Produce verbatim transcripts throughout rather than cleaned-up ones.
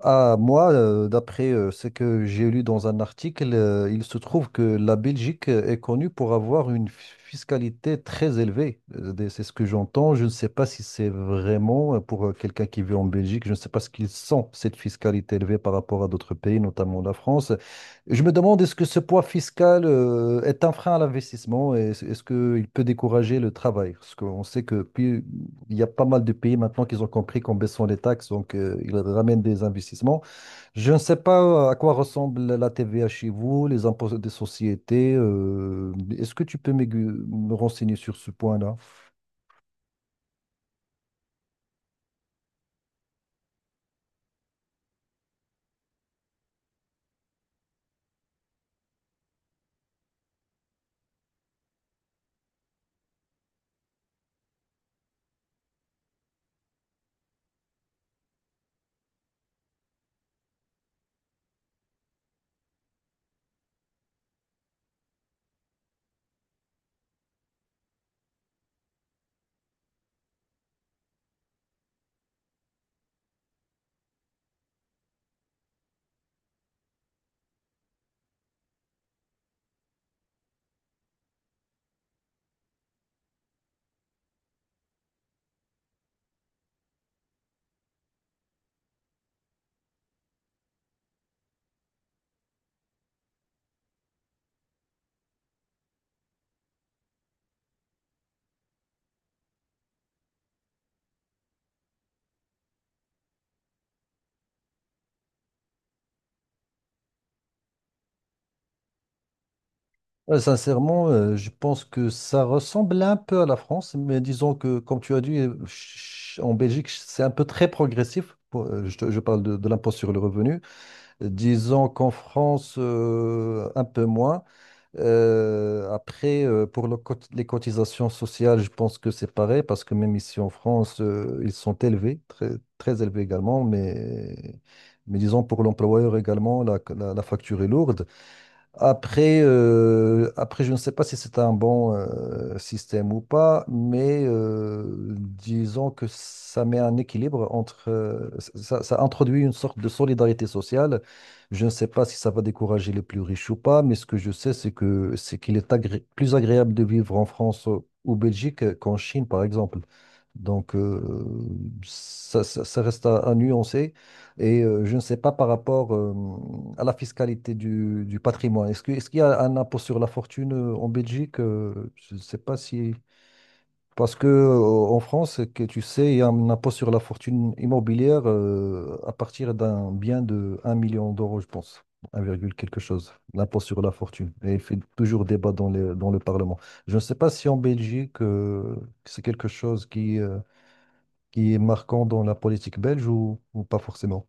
Ah, moi, euh, d'après euh, ce que j'ai lu dans un article, euh, il se trouve que la Belgique euh, est connue pour avoir une f- fiscalité très élevée. Euh, des- C'est ce que j'entends. Je ne sais pas si c'est vraiment euh, pour euh, quelqu'un qui vit en Belgique. Je ne sais pas ce qu'il sent, cette fiscalité élevée par rapport à d'autres pays, notamment la France. Je me demande, est-ce que ce poids fiscal euh, est un frein à l'investissement et est-ce est-ce qu'il peut décourager le travail? Parce qu'on sait que plus, il y a pas mal de pays maintenant qu'ils ont compris qu'en baissant les taxes, donc euh, ils ramènent des investissements. Je ne sais pas euh, à quoi ressemble la T V A chez vous, les impôts des sociétés. Euh, est-ce que tu peux m'aigu- me renseigner sur ce point-là? Euh, Sincèrement, euh, je pense que ça ressemble un peu à la France, mais disons que, comme tu as dit, euh, ch- en Belgique, c'est un peu très progressif. Pour- euh, Je, te- je parle de, de l'impôt sur le revenu. Euh, Disons qu'en France, euh, un peu moins. Euh, après, euh, pour le cot- les cotisations sociales, je pense que c'est pareil parce que même ici en France, euh, ils sont élevés, très, très élevés également, mais, mais disons pour l'employeur également, la, la, la facture est lourde. Après, euh, après, je ne sais pas si c'est un bon euh, système ou pas, mais euh, disons que ça met un équilibre entre, euh, ça, ça introduit une sorte de solidarité sociale. Je ne sais pas si ça va décourager les plus riches ou pas, mais ce que je sais, c'est que c'est qu'il est agré- plus agréable de vivre en France ou ou Belgique qu'en Chine, par exemple. Donc, euh, ça, ça- ça reste à, à nuancer. Et euh, je ne sais pas par rapport euh, à la fiscalité du, du patrimoine. Est-ce que, est-ce qu'il y a un impôt sur la fortune euh, en Belgique? Euh, je ne sais pas si... Parce que euh, en France, que tu sais, il y a un impôt sur la fortune immobilière euh, à partir d'un bien de un million d'euros, je pense. Un virgule quelque chose. L'impôt sur la fortune. Et il fait toujours débat dans le dans le Parlement. Je ne sais pas si en Belgique, euh, c'est quelque chose qui, euh, qui est marquant dans la politique belge ou, ou pas forcément.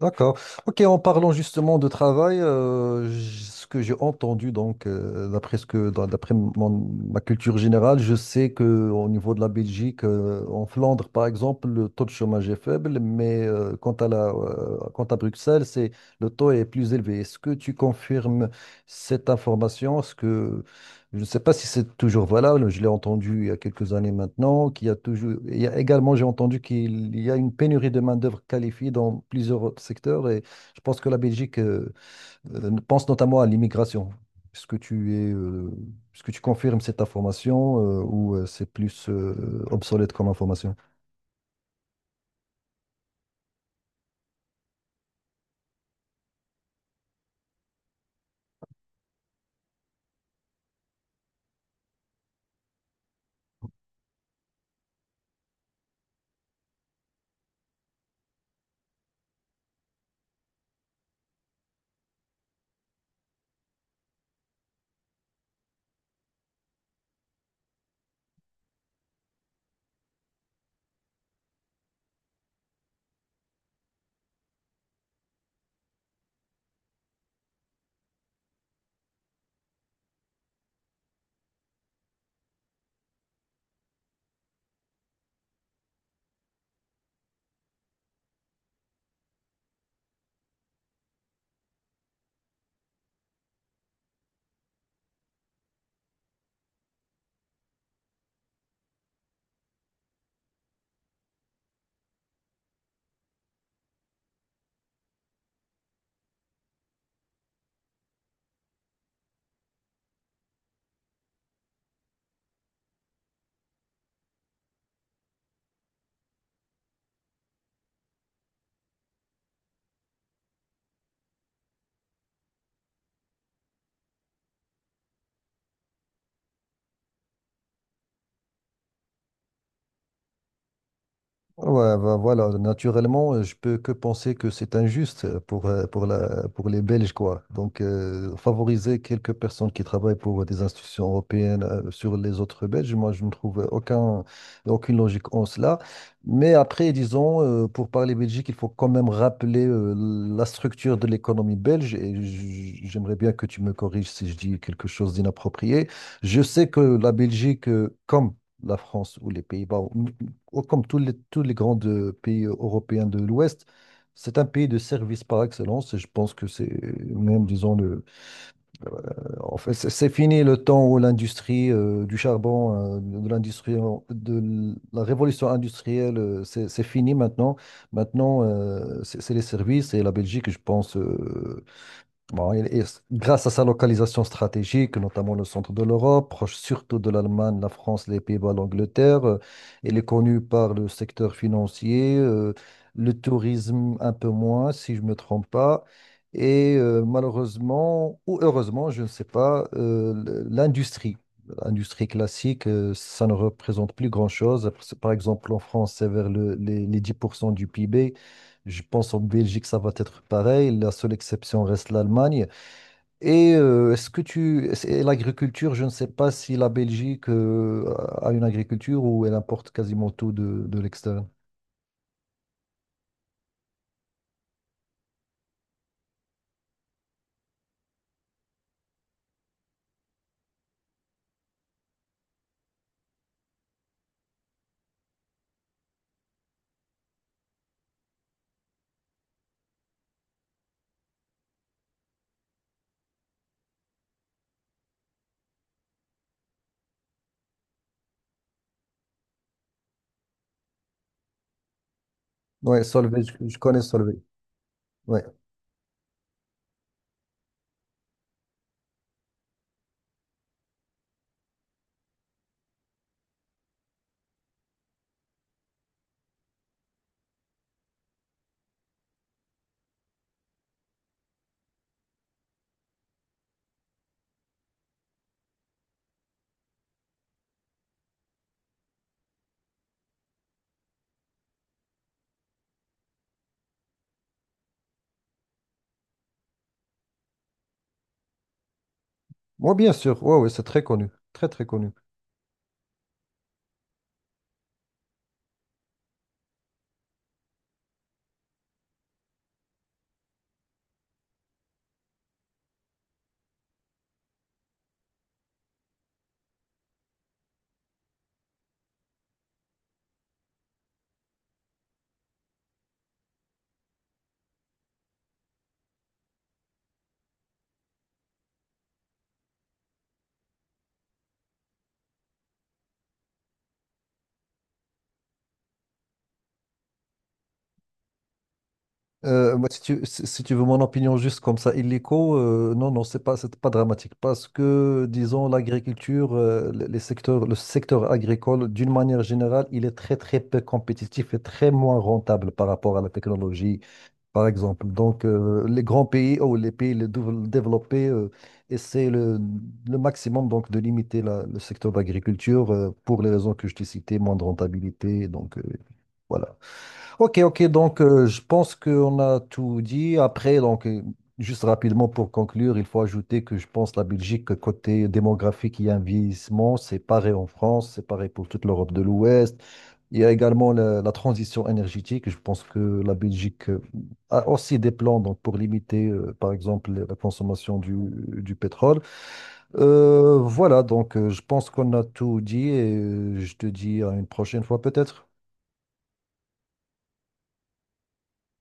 D'accord. Ok, en parlant justement de travail, euh, j- ce que j'ai entendu, donc, euh, d'après ce que, dans- d'après mon- ma culture générale, je sais que au niveau de la Belgique, euh, en Flandre, par exemple, le taux de chômage est faible, mais euh, quant à la, euh, quant à Bruxelles, c'est, le taux est plus élevé. Est-ce que tu confirmes cette information? Est-ce que je ne sais pas si c'est toujours valable, je l'ai entendu il y a quelques années maintenant, qu'il y a toujours, il y a également, j'ai entendu qu'il y a une pénurie de main-d'œuvre qualifiée dans plusieurs secteurs et je pense que la Belgique euh, euh, pense notamment à l'immigration. Est-ce que tu es, euh, est-ce que tu confirmes cette information euh, ou euh, c'est plus euh, obsolète comme information? Ouais, ben voilà, naturellement, euh, je peux que penser que c'est injuste euh, pour, euh, pour la, pour les Belges, quoi. Donc, euh, favoriser quelques personnes qui travaillent pour des institutions européennes euh, sur les autres Belges, moi, je ne trouve aucun, aucune logique en cela. Mais après, disons, euh, pour parler Belgique, il faut quand même rappeler euh, la structure de l'économie belge. Et j- j'aimerais bien que tu me corriges si je dis quelque chose d'inapproprié. Je sais que la Belgique, euh, comme la France ou les Pays-Bas comme tous les, tous les grands de- pays européens de l'Ouest, c'est un pays de services par excellence. Et je pense que c'est même, disons, le, euh, en fait, c'est c'est fini le temps où l'industrie euh, du charbon, euh, de l'industrie, de la révolution industrielle, euh, c'est c'est fini maintenant. Maintenant, euh, c'est c'est les services et la Belgique, je pense. euh, Bon, il est- grâce à sa localisation stratégique, notamment le centre de l'Europe, proche surtout de l'Allemagne, la France, les Pays-Bas, l'Angleterre, euh, il est connu par le secteur financier, euh, le tourisme un peu moins, si je ne me trompe pas. Et euh, malheureusement, ou heureusement, je ne sais pas, euh, l- l'industrie. L'industrie classique, euh, ça ne représente plus grand-chose. Par exemple, en France, c'est vers le- les, les dix pour cent du P I B. Je pense en Belgique, ça va être pareil. La seule exception reste l'Allemagne. Et euh, est-ce que tu... c'est- L'agriculture, je ne sais pas si la Belgique euh, a une agriculture ou elle importe quasiment tout de, de l'extérieur. Ouais, Solvay, je, je connais Solvay. Ouais. Moi, bien sûr. Ouais, ouais, c'est très connu. Très, très connu. Euh, moi, si tu, si si tu veux mon opinion juste comme ça, illico, euh, non, non, c'est pas, c'est pas dramatique parce que, disons, l'agriculture, euh, le- les secteurs, le secteur agricole, d'une manière générale, il est très, très peu compétitif et très moins rentable par rapport à la technologie, par exemple. Donc, euh, les grands pays ou les pays les dév- développés euh, essaient le, le maximum donc, de limiter la- le secteur de l'agriculture euh, pour les raisons que je t'ai citées, moins de rentabilité. Donc, euh, voilà. Ok, ok, donc euh, je pense qu'on a tout dit. Après, donc, euh, juste rapidement pour conclure, il faut ajouter que je pense la Belgique, euh, côté démographique, il y a un vieillissement, c'est pareil en France, c'est pareil pour toute l'Europe de l'Ouest. Il y a également la, la transition énergétique. Je pense que la Belgique euh, a aussi des plans donc, pour limiter, euh, par exemple, la consommation du, du pétrole. Euh, voilà, donc euh, je pense qu'on a tout dit et euh, je te dis à une prochaine fois peut-être.